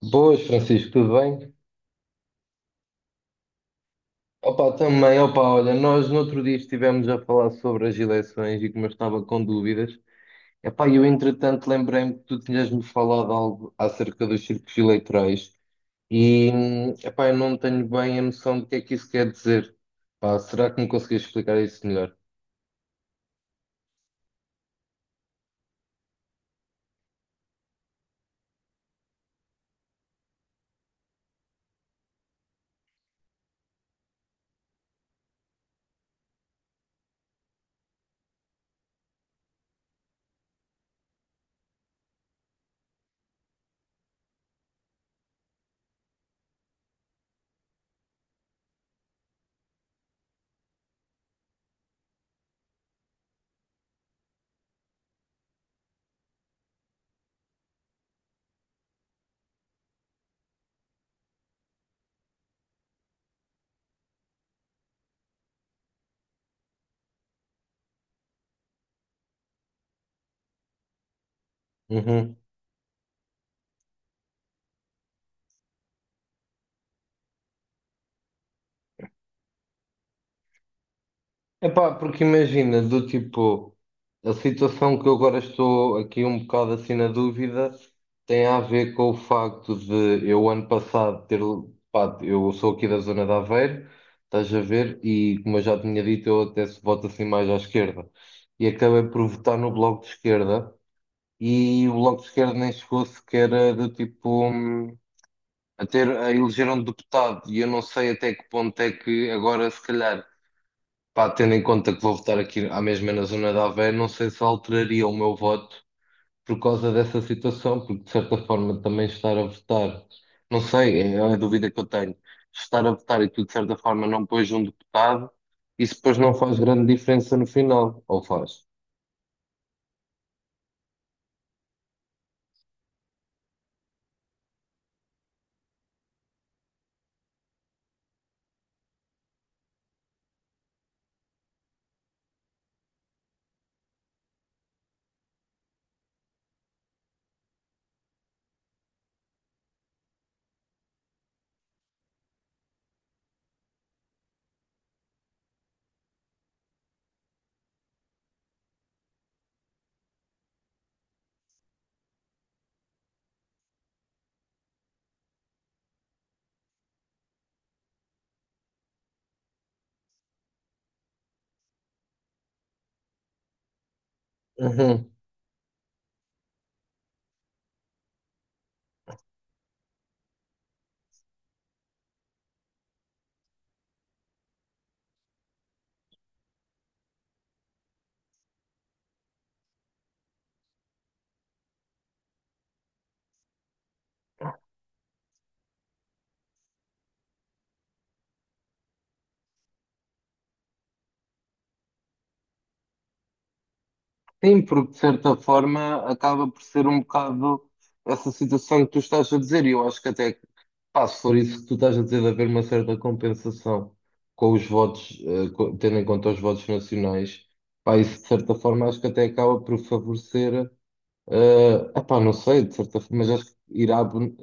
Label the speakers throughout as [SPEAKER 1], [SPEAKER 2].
[SPEAKER 1] Boas, Francisco, tudo bem? Opa, também, opa, olha, nós no outro dia estivemos a falar sobre as eleições e como eu estava com dúvidas. Epá, eu entretanto lembrei-me que tu tinhas-me falado algo acerca dos círculos eleitorais e, epá, eu não tenho bem a noção do que é que isso quer dizer. Pá, será que me conseguias explicar isso melhor? Uhum. Epá, porque imagina, do tipo, a situação que eu agora estou aqui um bocado assim na dúvida tem a ver com o facto de eu ano passado ter, pá, eu sou aqui da zona de Aveiro, estás a ver, e como eu já tinha dito, eu até se voto assim mais à esquerda. E acabei por votar no Bloco de Esquerda e o Bloco de Esquerda nem chegou sequer a, do tipo, a ter, a eleger um deputado e eu não sei até que ponto é que agora se calhar. Pá, tendo em conta que vou votar aqui à mesma na zona de Aveiro, não sei se alteraria o meu voto por causa dessa situação, porque de certa forma também estar a votar, não sei, é a dúvida que eu tenho. Estar a votar e tu de certa forma não pões um deputado, isso depois não faz grande diferença no final, ou faz? Uhum. Sim, porque de certa forma acaba por ser um bocado essa situação que tu estás a dizer, e eu acho que até. Pá, se for isso que tu estás a dizer, de haver uma certa compensação com os votos, co- tendo em conta os votos nacionais, pá, isso de certa forma acho que até acaba por favorecer, epá, não sei, de certa forma, mas acho que irá ben-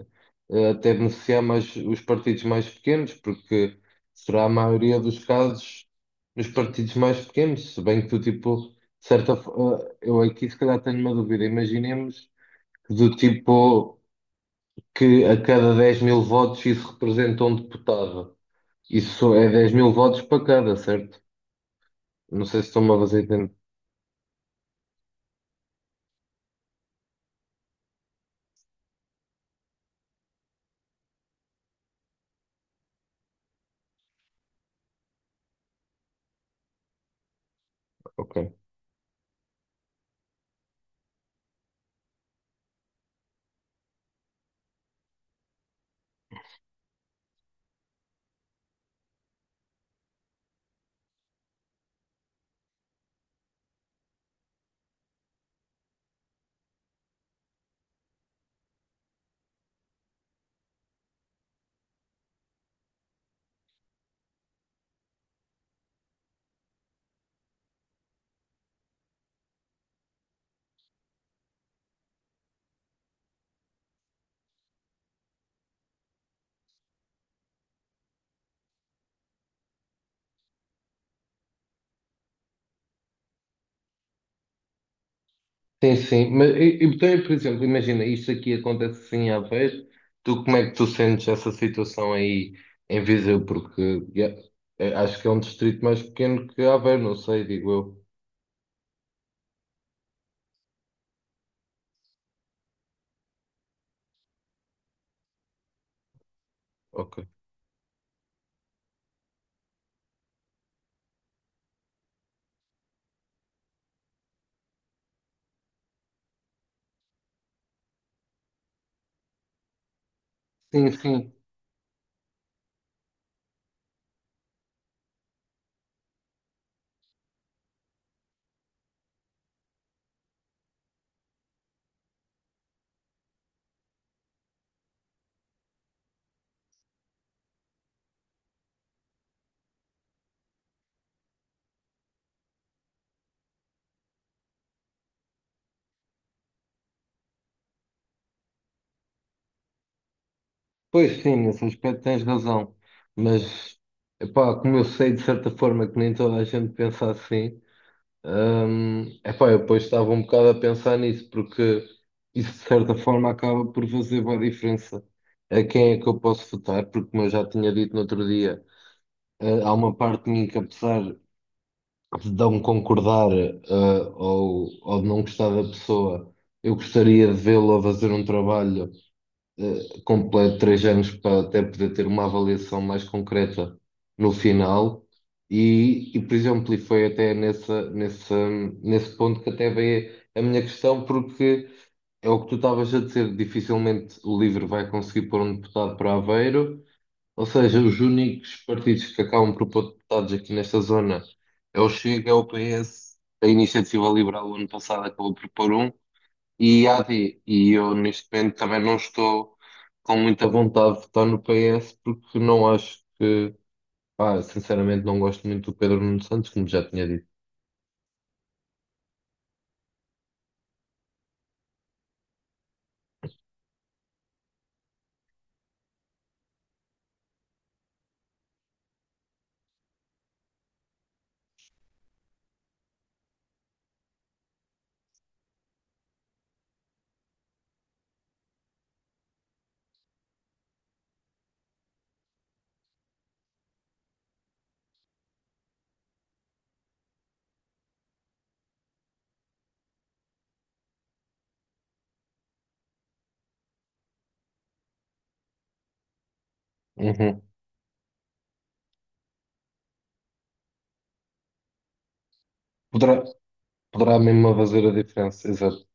[SPEAKER 1] até beneficiar mais os partidos mais pequenos, porque será a maioria dos casos nos partidos mais pequenos, se bem que tu, tipo, de certa forma, eu aqui se calhar tenho uma dúvida, imaginemos que do tipo que a cada 10 000 votos isso representa um deputado. Isso é 10 000 votos para cada, certo? Não sei se estou-me a fazer entender. Ok. Sim, sim. Mas, então, por exemplo, imagina, isto aqui acontece assim à vez. Tu, como é que tu sentes essa situação aí em Viseu? Porque yeah, é, acho que é um distrito mais pequeno que Aveiro, não sei, digo eu. Ok. Sim, sim. Pois sim, nesse aspecto tens razão. Mas, epá, como eu sei de certa forma que nem toda a gente pensa assim. Epá, eu depois estava um bocado a pensar nisso, porque isso de certa forma acaba por fazer boa diferença a quem é que eu posso votar, porque como eu já tinha dito no outro dia, há uma parte de mim que apesar de não concordar, ou de não gostar da pessoa, eu gostaria de vê-lo a fazer um trabalho completo 3 anos para até poder ter uma avaliação mais concreta no final. Por exemplo, e foi até nessa, nessa, nesse ponto que até veio a minha questão, porque é o que tu estavas a dizer, dificilmente o LIVRE vai conseguir pôr um deputado para Aveiro, ou seja, os únicos partidos que acabam por pôr deputados aqui nesta zona é o Chega, é o PS, a Iniciativa Liberal o ano passado acabou por pôr um, e há e eu neste momento também não estou com muita vontade de votar no PS porque não acho que, pá, sinceramente não gosto muito do Pedro Nuno Santos, como já tinha dito. Uhum. Poderá, poderá mesmo fazer a diferença, exato.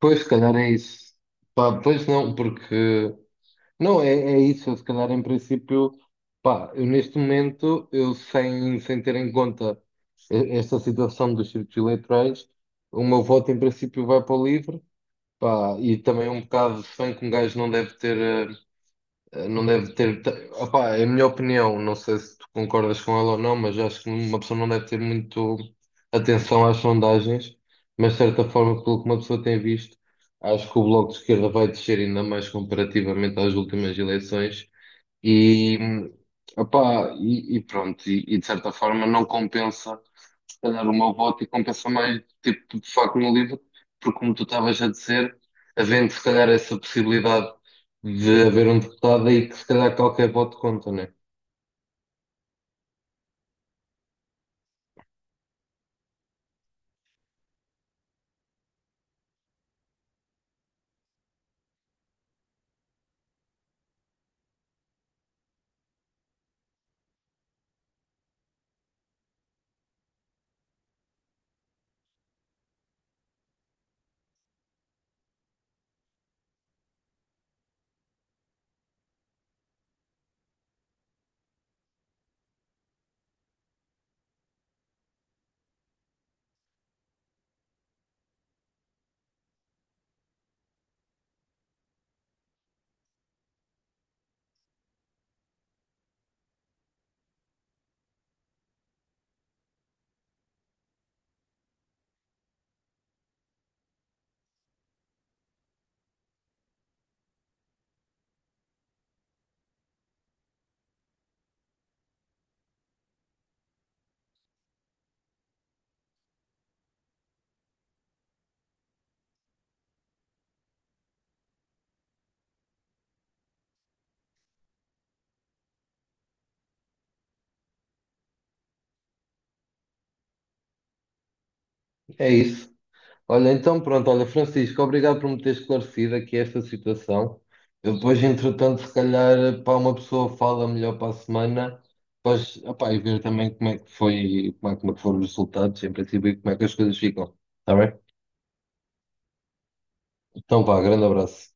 [SPEAKER 1] Pois, se calhar é isso. Pá, pois não, porque, não, é, é isso, se calhar em princípio, pá, eu neste momento, eu sem, sem ter em conta e- esta situação dos círculos eleitorais, o meu voto em princípio vai para o livre. Pá, e também um bocado de fã que um gajo não deve ter, eh, não deve ter, ta- opá, é a minha opinião, não sei se tu concordas com ela ou não, mas acho que uma pessoa não deve ter muito atenção às sondagens, mas de certa forma, pelo que uma pessoa tem visto, acho que o Bloco de Esquerda vai descer ainda mais comparativamente às últimas eleições e, opá, pronto, de certa forma não compensa se calhar uma voto e compensa mais, tipo, de facto, no livro, porque como tu estavas a dizer, havendo se calhar essa possibilidade de haver um deputado aí que se calhar qualquer voto conta, né? É isso. Olha, então pronto, olha, Francisco, obrigado por me ter esclarecido aqui esta situação. Eu depois, entretanto, se calhar, para uma pessoa fala melhor para a semana, depois, opá, e ver também como é que foi, como é que foram os resultados, em princípio, e como é que as coisas ficam. Está bem? Então vá, grande abraço.